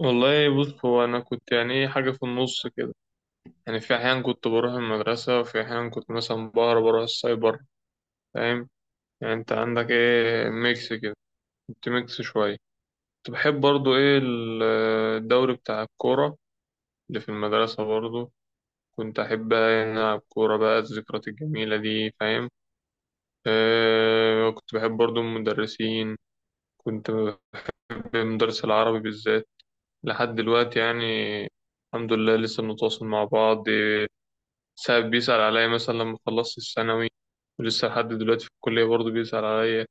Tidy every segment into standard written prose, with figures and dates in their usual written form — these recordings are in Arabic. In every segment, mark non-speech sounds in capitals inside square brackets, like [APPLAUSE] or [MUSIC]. والله بص، هو انا كنت يعني ايه، حاجه في النص كده. يعني في احيان كنت بروح المدرسه، وفي احيان كنت مثلا بهرب بروح السايبر، فاهم؟ يعني انت عندك ايه، ميكس كده، كنت ميكس شويه. كنت بحب برضو ايه الدوري بتاع الكوره اللي في المدرسه برضو. كنت احب العب كوره. بقى الذكريات الجميله دي، فاهم؟ أه، كنت بحب برضو المدرسين. كنت بمدرس العربي بالذات لحد دلوقتي يعني. الحمد لله لسه بنتواصل مع بعض. ساعات بيسأل عليا، مثلا لما خلصت الثانوي، ولسه لحد دلوقتي في الكلية برضه بيسأل عليا.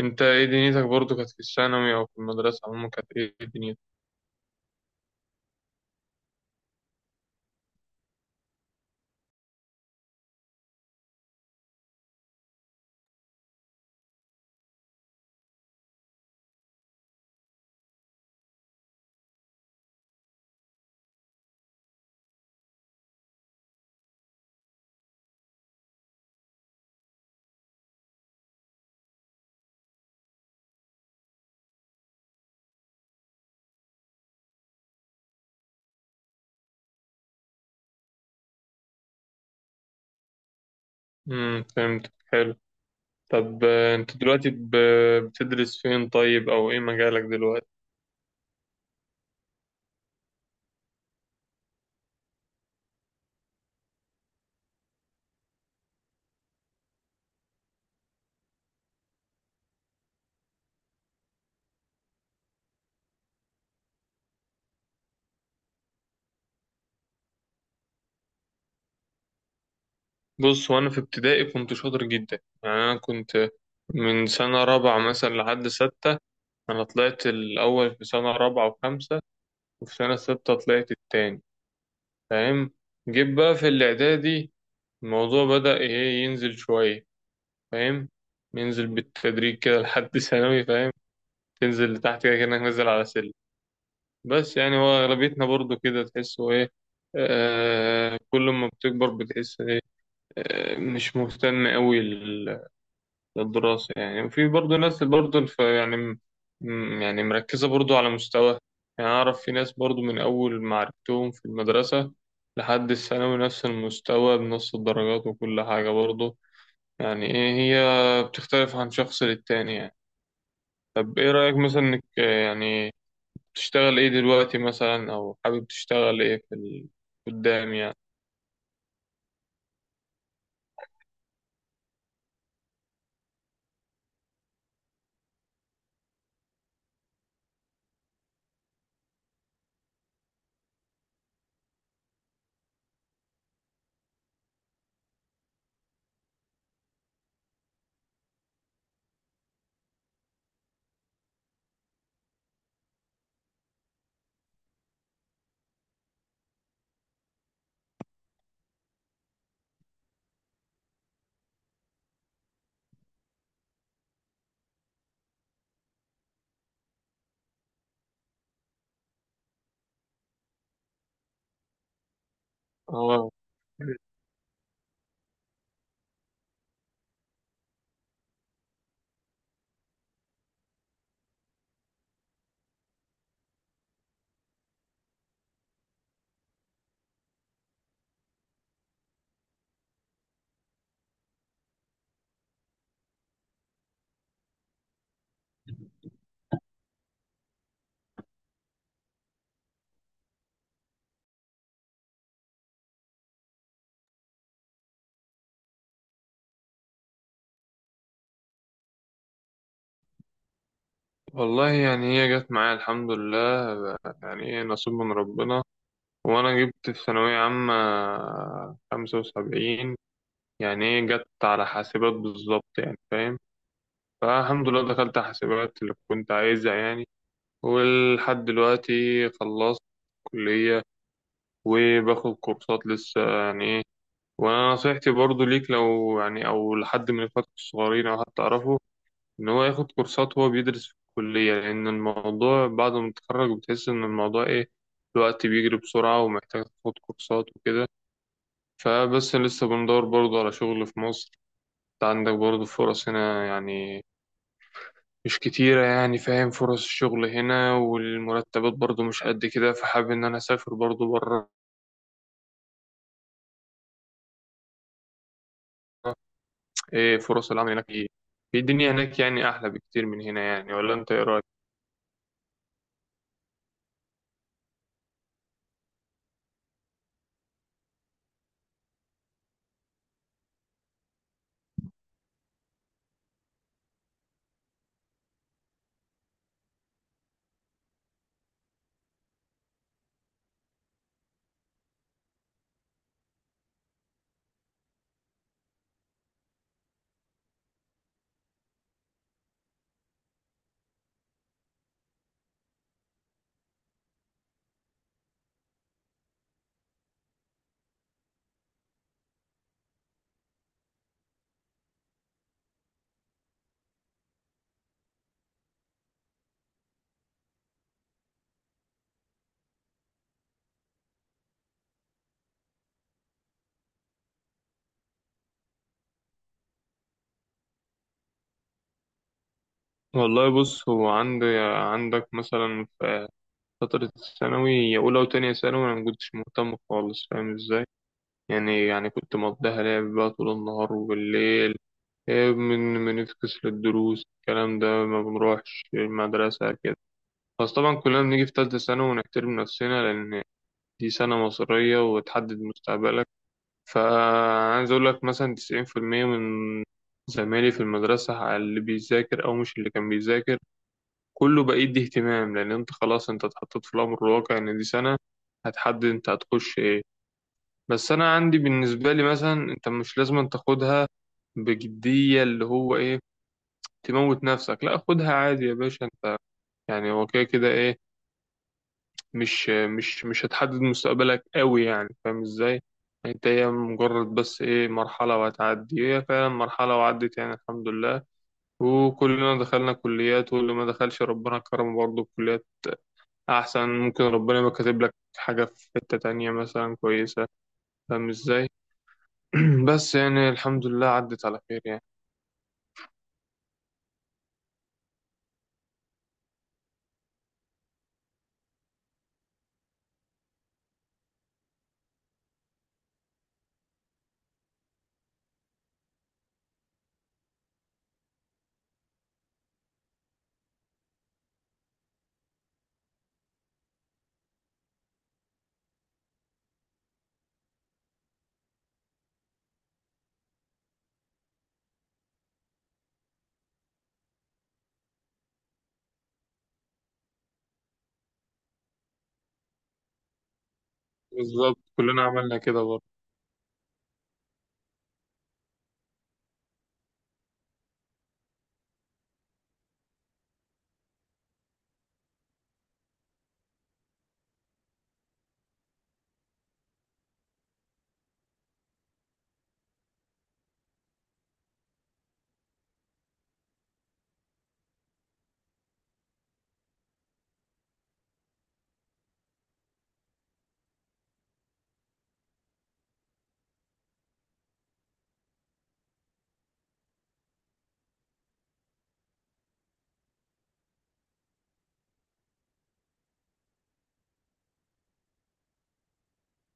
انت ايه دنيتك برضه؟ كانت في الثانوي او في المدرسة عموما، كانت ايه دنيتك؟ فهمت، حلو. طب انت دلوقتي بتدرس فين طيب؟ او ايه مجالك دلوقتي؟ بص، وانا في ابتدائي كنت شاطر جدا، يعني انا كنت من سنة رابعة مثلا لحد ستة. انا طلعت الاول في سنة رابعة وخمسة، وفي سنة ستة طلعت التاني، فاهم؟ جيت بقى في الاعدادي، الموضوع بدأ ايه ينزل شوية، فاهم؟ ينزل بالتدريج كده لحد [LAUGHS] ثانوي، فاهم؟ تنزل لتحت كده كأنك نازل على سلم. بس يعني هو اغلبيتنا برضو كده، تحسه ايه؟ آه، كل ما بتكبر بتحس ايه؟ آه، مش مهتم قوي للدراسة يعني. وفي برضه ناس برضه يعني يعني مركزة برضه على مستوى. يعني أعرف في ناس برضه، من أول ما عرفتهم في المدرسة لحد الثانوي، نفس المستوى بنفس الدرجات وكل حاجة برضه. يعني إيه، هي بتختلف عن شخص للتاني يعني. طب إيه رأيك مثلا إنك يعني بتشتغل إيه دلوقتي مثلا، أو حابب تشتغل إيه في قدام يعني؟ اه والله، يعني هي جت معايا الحمد لله، يعني إيه نصيب من ربنا. وأنا جبت في ثانوية عامة 75، يعني إيه، جت على حاسبات بالظبط، يعني فاهم؟ فالحمد لله دخلت حاسبات اللي كنت عايزها يعني. ولحد دلوقتي خلصت كلية وباخد كورسات لسه، يعني إيه. وأنا نصيحتي برضو ليك، لو يعني أو لحد من إخواتك الصغيرين أو حد تعرفه، إن هو ياخد كورسات وهو بيدرس في الكلية. لأن الموضوع بعد ما تتخرج بتحس إن الموضوع إيه، الوقت بيجري بسرعة ومحتاج تاخد كورسات وكده. فبس لسه بندور برضه على شغل في مصر. انت عندك برضه فرص هنا يعني، مش كتيرة يعني، فاهم؟ فرص الشغل هنا والمرتبات برضه مش قد كده، فحابب إن أنا أسافر برضه بره. إيه فرص العمل هناك؟ إيه في الدنيا هناك؟ يعني أحلى بكتير من هنا يعني، ولا أنت إيه رأيك؟ والله بص، هو عندك مثلا في فترة الثانوي أولى وتانية ثانوي، أنا مكنتش مهتم خالص، فاهم إزاي؟ يعني كنت مقضيها لعب بقى طول النهار وبالليل، من بنفكس للدروس الكلام ده، ما بنروحش المدرسة كده. بس طبعا كلنا بنيجي في تالتة ثانوي ونحترم نفسنا، لأن دي سنة مصيرية وتحدد مستقبلك. فعايز أقول لك مثلا، 90% من زمايلي في المدرسة، على اللي بيذاكر أو مش اللي كان بيذاكر، كله بقى يدي اهتمام. لأن أنت خلاص، أنت اتحطيت في الأمر الواقع، إن دي سنة هتحدد أنت هتخش إيه. بس أنا عندي بالنسبة لي مثلا، أنت مش لازم تاخدها بجدية اللي هو ايه، تموت نفسك. لا، خدها عادي يا باشا انت، يعني هو كده كده ايه، مش هتحدد مستقبلك قوي يعني، فاهم ازاي؟ انت هي مجرد بس ايه، مرحلة وهتعدي، هي فعلا مرحلة وعدت يعني الحمد لله. وكلنا دخلنا كليات، واللي ما دخلش ربنا كرمه برضه بكليات احسن. ممكن ربنا يبقى كاتب لك حاجة في حتة تانية مثلا كويسة، فاهم ازاي؟ [CLEARS THROAT] بس يعني الحمد لله عدت على خير يعني. بالظبط، كلنا عملنا كده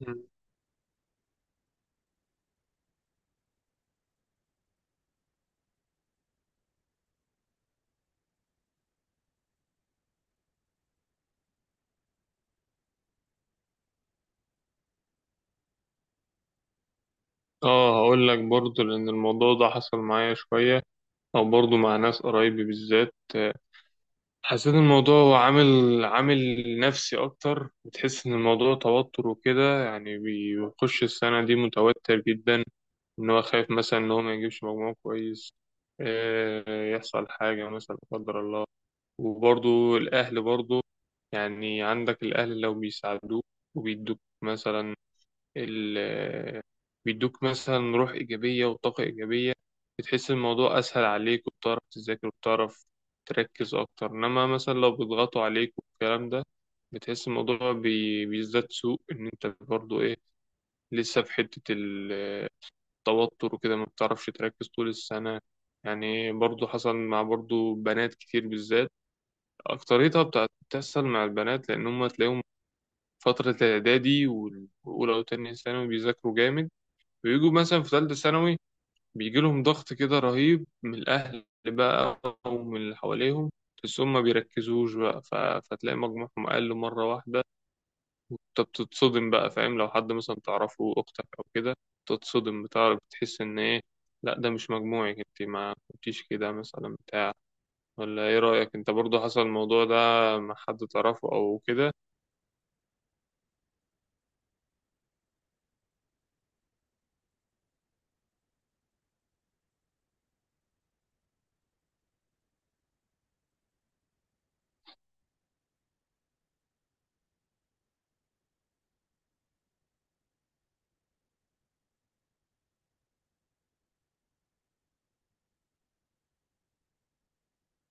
برضه. اه، هقول لك برضه. لان الموضوع ده حصل معايا شويه، او برضه مع ناس قرايبي بالذات. حسيت الموضوع هو عامل نفسي اكتر. بتحس ان الموضوع توتر وكده يعني، بيخش السنه دي متوتر جدا، ان هو خايف مثلا ان هو ما يجيبش مجموع كويس، يحصل حاجه مثلا لا قدر الله. وبرضه الاهل برضه، يعني عندك الاهل لو بيساعدوك وبيدوك مثلا ال- آه، بيدوك مثلا روح إيجابية وطاقة إيجابية، بتحس الموضوع أسهل عليك، وبتعرف تذاكر وبتعرف تركز أكتر. إنما مثلا لو بيضغطوا عليك والكلام ده، بتحس الموضوع بيزداد سوء، إن أنت برضو إيه، لسه في حتة التوتر وكده، ما بتعرفش تركز طول السنة. يعني برضو حصل مع برضو بنات كتير بالذات، أكتريتها بتحصل مع البنات، لأن هم تلاقيهم فترة الإعدادي وأولى وتانية ثانوي بيذاكروا جامد. بيجوا مثلا في ثالثة ثانوي، بيجي لهم ضغط كده رهيب من الأهل بقى ومن اللي حواليهم، بس هم ما بيركزوش بقى. فتلاقي مجموعهم أقل مرة واحدة، وأنت بتتصدم بقى، فاهم؟ لو حد مثلا تعرفه، أختك أو كده، تتصدم، بتعرف، بتحس إن إيه، لا ده مش مجموعك أنت، ما كنتيش كده مثلا بتاع. ولا إيه رأيك؟ أنت برضو حصل الموضوع ده مع حد تعرفه أو كده؟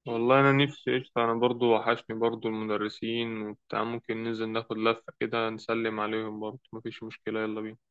والله انا نفسي قشطة. انا برضو وحشني برضو المدرسين وبتاع، ممكن ننزل ناخد لفة كده نسلم عليهم برضو، مفيش مشكلة، يلا بينا.